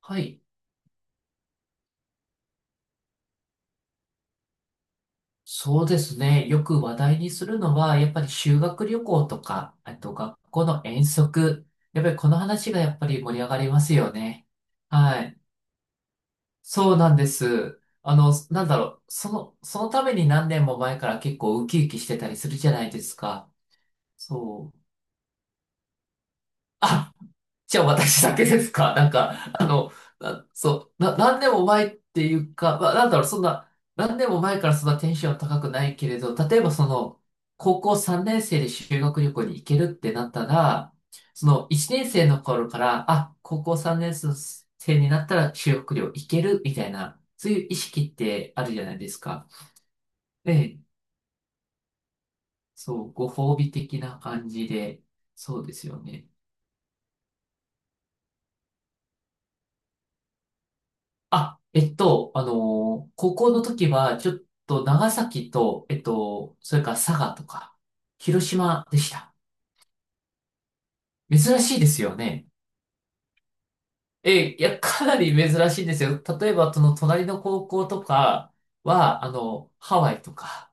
はい。そうですね。よく話題にするのは、やっぱり修学旅行とか、あと学校の遠足。やっぱりこの話がやっぱり盛り上がりますよね。はい。そうなんです。なんだろう。そのために何年も前から結構ウキウキしてたりするじゃないですか。そう。あ、じゃあ私だけですか？ あの、何年も前っていうか、まあ、なんだろう、そんな、何年も前からそんなテンション高くないけれど、例えば、高校3年生で修学旅行に行けるってなったら、その1年生の頃から、あ、高校3年生になったら修学旅行行けるみたいな、そういう意識ってあるじゃないですか。ええ、そう、ご褒美的な感じで、そうですよね。あ、えっと、高校の時は、ちょっと長崎と、えっと、それから佐賀とか、広島でした。珍しいですよね。え、いや、かなり珍しいんですよ。例えば、その隣の高校とかは、あの、ハワイとか、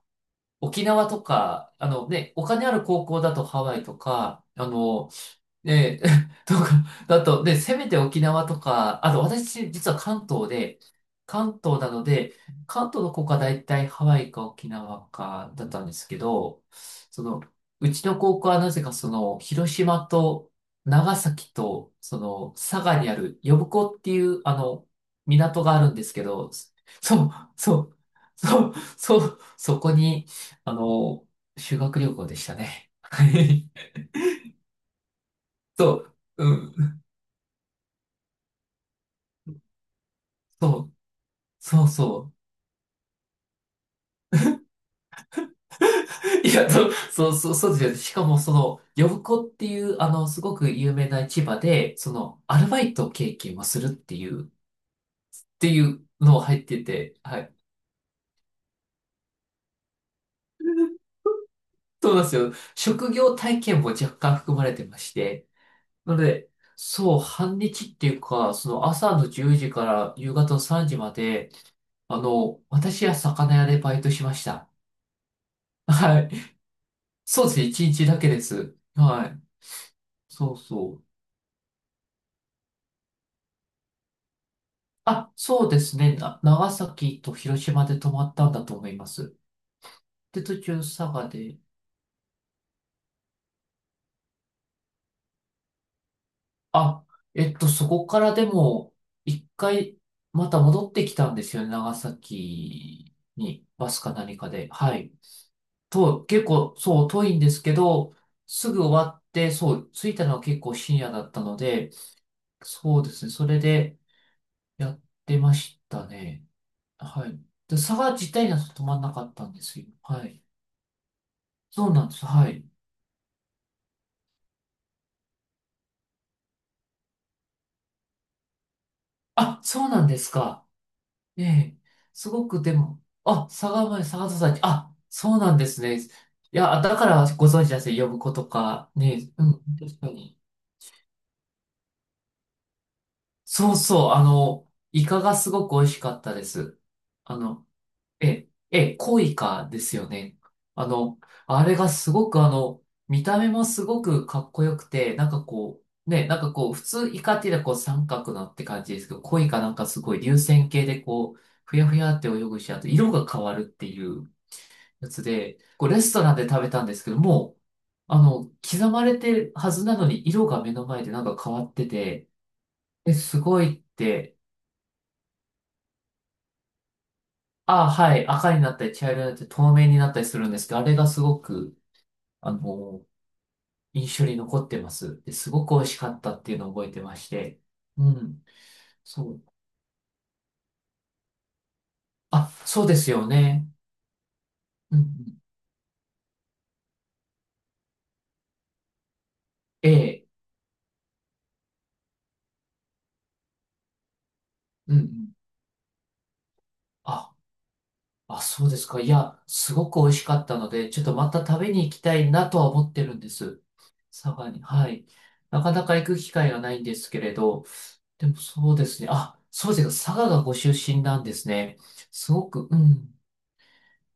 沖縄とか、あのね、お金ある高校だとハワイとか、で、とか、だと、で、せめて沖縄とか、あと私、実は関東で、関東なので、関東の子が大体ハワイか沖縄かだったんですけど、その、うちの高校はなぜかその、広島と長崎と、その、佐賀にある呼子っていう、あの、港があるんですけど、そう、そう、そう、そう、そこに、あの、修学旅行でしたね。はい。そう、うん。そうそうそいや、そうそうそうですよね。しかも、その、呼子っていう、あの、すごく有名な市場で、その、アルバイト経験をするっていう、っていうのを入ってて、はい。そうなんですよ。職業体験も若干含まれてまして。なので、そう、半日っていうか、その朝の10時から夕方の3時まで、あの、私は魚屋でバイトしました。はい。そうですね、1日だけです。はい。そうそう。あ、そうですね。な、長崎と広島で泊まったんだと思います。で、途中佐賀で。あ、えっと、そこからでも、一回、また戻ってきたんですよね。長崎に、バスか何かで。はい。と、結構、そう、遠いんですけど、すぐ終わって、そう、着いたのは結構深夜だったので、そうですね。それでやってましたね。はい。で、佐賀自体には泊まんなかったんですよ。はい。そうなんです。はい。あ、そうなんですか。ええ。すごくでも、あ、佐賀前、佐賀崎、あ、そうなんですね。いや、だからご存知ですね。呼ぶ子とか、ね、うん、確かに。そうそう、あの、イカがすごく美味しかったです。あの、え、え、コイカですよね。あの、あれがすごくあの、見た目もすごくかっこよくて、なんかこう、普通イカっていうのはこう三角なって感じですけど、コイカなんかすごい流線形でこう、ふやふやって泳ぐし、あと色が変わるっていうやつで、こうレストランで食べたんですけども、あの、刻まれてるはずなのに色が目の前でなんか変わってて、え、すごいって、ああ、はい、赤になったり茶色になったり透明になったりするんですけど、あれがすごく、あの、印象に残ってます。で、すごく美味しかったっていうのを覚えてまして。うん、そう。あ、そうですよね。うん、うん、ええ、うん、うん。あ、あ、そうですか。いや、すごく美味しかったので、ちょっとまた食べに行きたいなとは思ってるんです。佐賀に。はい。なかなか行く機会がないんですけれど、でもそうですね。あ、そうですか。佐賀がご出身なんですね。すごく、うん。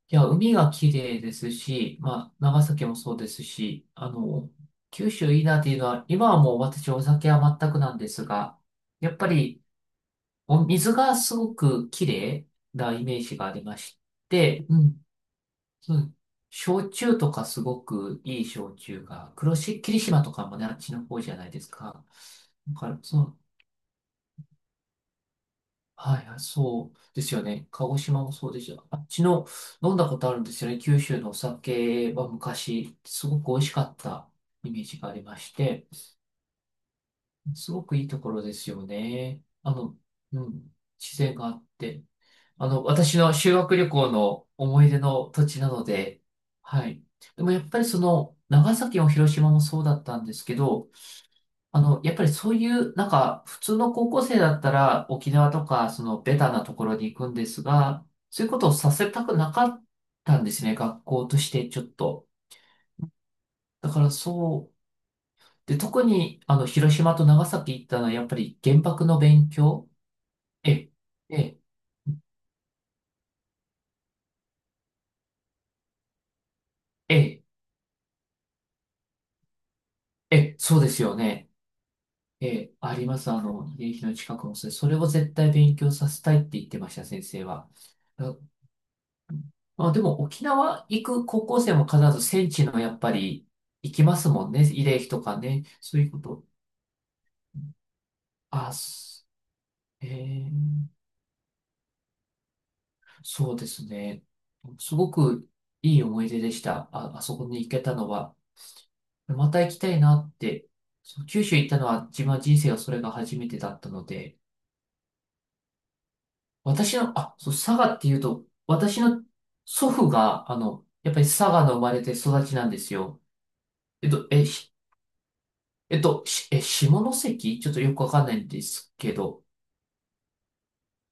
いや、海が綺麗ですし、まあ、長崎もそうですし、あの、九州いいなっていうのは、今はもう私お酒は全くなんですが、やっぱりお水がすごく綺麗なイメージがありまして、うん、そう、焼酎とかすごくいい焼酎が、霧島とかもね、あっちの方じゃないですか。だから、そのはいはい、そうですよね。鹿児島もそうですよ。あっちの飲んだことあるんですよね。九州のお酒は昔、すごく美味しかったイメージがありまして、すごくいいところですよね。あの、うん、自然があって。あの、私の修学旅行の思い出の土地なので、はい。でもやっぱりその、長崎も広島もそうだったんですけど、あの、やっぱりそういう、なんか、普通の高校生だったら沖縄とか、そのベタなところに行くんですが、そういうことをさせたくなかったんですね、学校としてちょっと。だから、そう、で、特に、あの、広島と長崎行ったのは、やっぱり原爆の勉強、え、え、え、そうですよね。え、あります。あの、慰霊碑の近くもそれを絶対勉強させたいって言ってました、先生は。あ、でも沖縄行く高校生も必ず戦地のやっぱり行きますもんね。慰霊碑とかね。そういうこと。あ、すえー、そうですね。すごくいい思い出でした。あ、あそこに行けたのは。また行きたいなって。そう、九州行ったのは自分は人生はそれが初めてだったので、私の、あ、そう、佐賀っていうと、私の祖父が、あの、やっぱり佐賀の生まれて育ちなんですよ。えっと、え、下関ちょっとよくわかんないんですけど、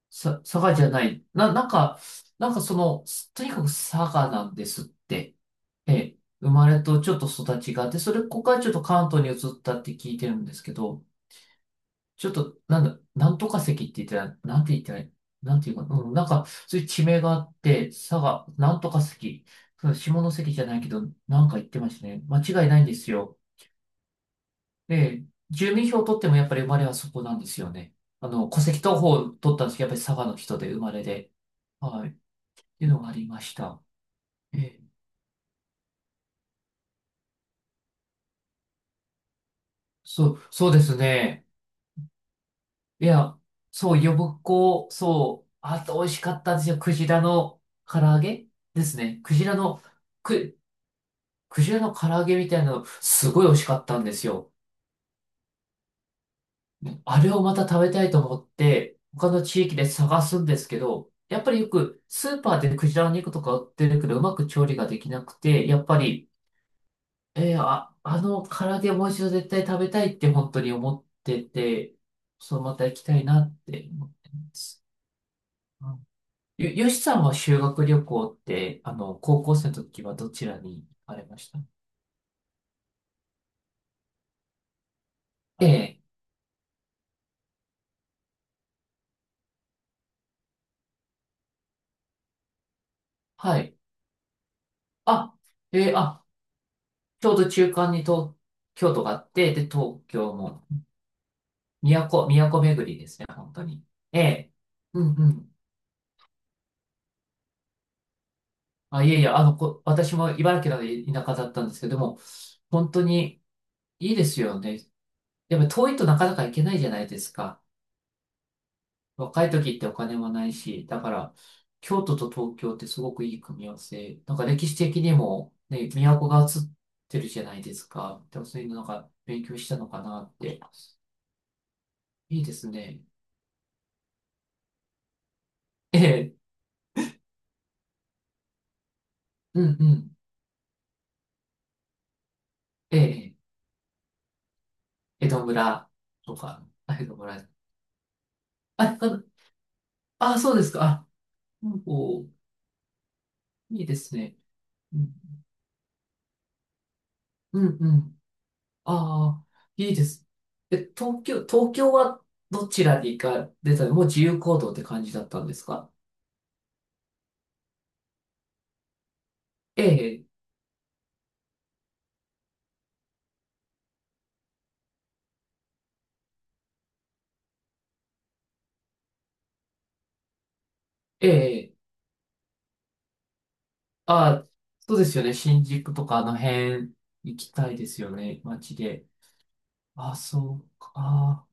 さ、佐賀じゃない。な、なんか、なんかその、とにかく佐賀なんですって。え、生まれとちょっと育ちがあって、それ、ここからちょっと関東に移ったって聞いてるんですけど、ちょっと、なんだ、なんとか関って言ってたら、なんて言ったら、なんていうか、うん、なんか、そういう地名があって、佐賀、なんとか関、そう下関じゃないけど、なんか言ってましたね。間違いないんですよ。ええ、住民票を取ってもやっぱり生まれはそこなんですよね。あの、戸籍謄本を取ったんですけど、やっぱり佐賀の人で生まれで、はい、っていうのがありました。ええ、そうですね。いや、そう、呼子、そう、あと美味しかったんですよ。クジラの唐揚げですね。く、クジラの唐揚げみたいなの、すごい美味しかったんですよ。あれをまた食べたいと思って、他の地域で探すんですけど、やっぱりよくスーパーでクジラの肉とか売ってるけど、うまく調理ができなくて、やっぱり、えー、あ、あの唐揚げもう一度絶対食べたいって本当に思ってて、そう、また行きたいなって思ってます。うんよ、よしさんは修学旅行って、あの、高校生の時はどちらに行かれました？ええ、はい。あ、ええ、あ、ちょうど中間に東京都があって、で、東京も。都、都巡りですね、本当に。ええ。うんうん。あ、いえいえ、あの、こ、私も茨城なので田舎だったんですけども、本当にいいですよね。でも遠いとなかなか行けないじゃないですか。若い時ってお金もないし、だから、京都と東京ってすごくいい組み合わせ。なんか歴史的にも、ね、都が映ってるじゃないですか。でもそういうのなんか勉強したのかなって。いいですね。ええ、うんうん。ええ、江戸村とか、江戸村あ、た、あ、そうですか。あ、お、いいですね。うん、うん、うん。ああ、いいです。え、東京、東京はどちらに行かれたの？もう自由行動って感じだったんですか？ええ、ええ、あ、そうですよね。新宿とかあの辺行きたいですよね。街で。ああ、そうか。あ、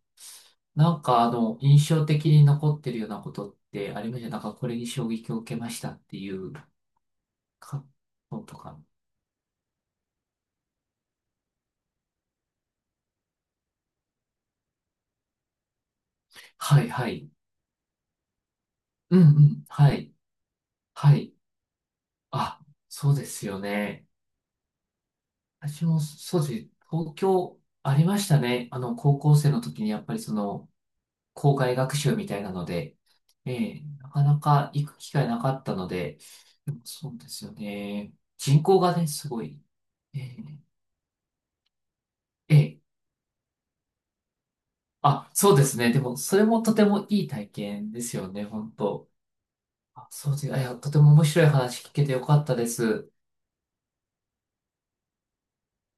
なんかあの、印象的に残ってるようなことってありました？なんかこれに衝撃を受けましたっていうか、のとか。はい、はい。うんうん。はい。はい。あ、そうですよね。私も、そうです。東京ありましたね。あの、高校生の時にやっぱりその、校外学習みたいなので、ええ、なかなか行く機会なかったので、でもそうですよね。人口がね、すごい。ええ、ええ。あ、そうですね。でも、それもとてもいい体験ですよね、本当。あ、そうです。あ、いや、とても面白い話聞けてよかったです。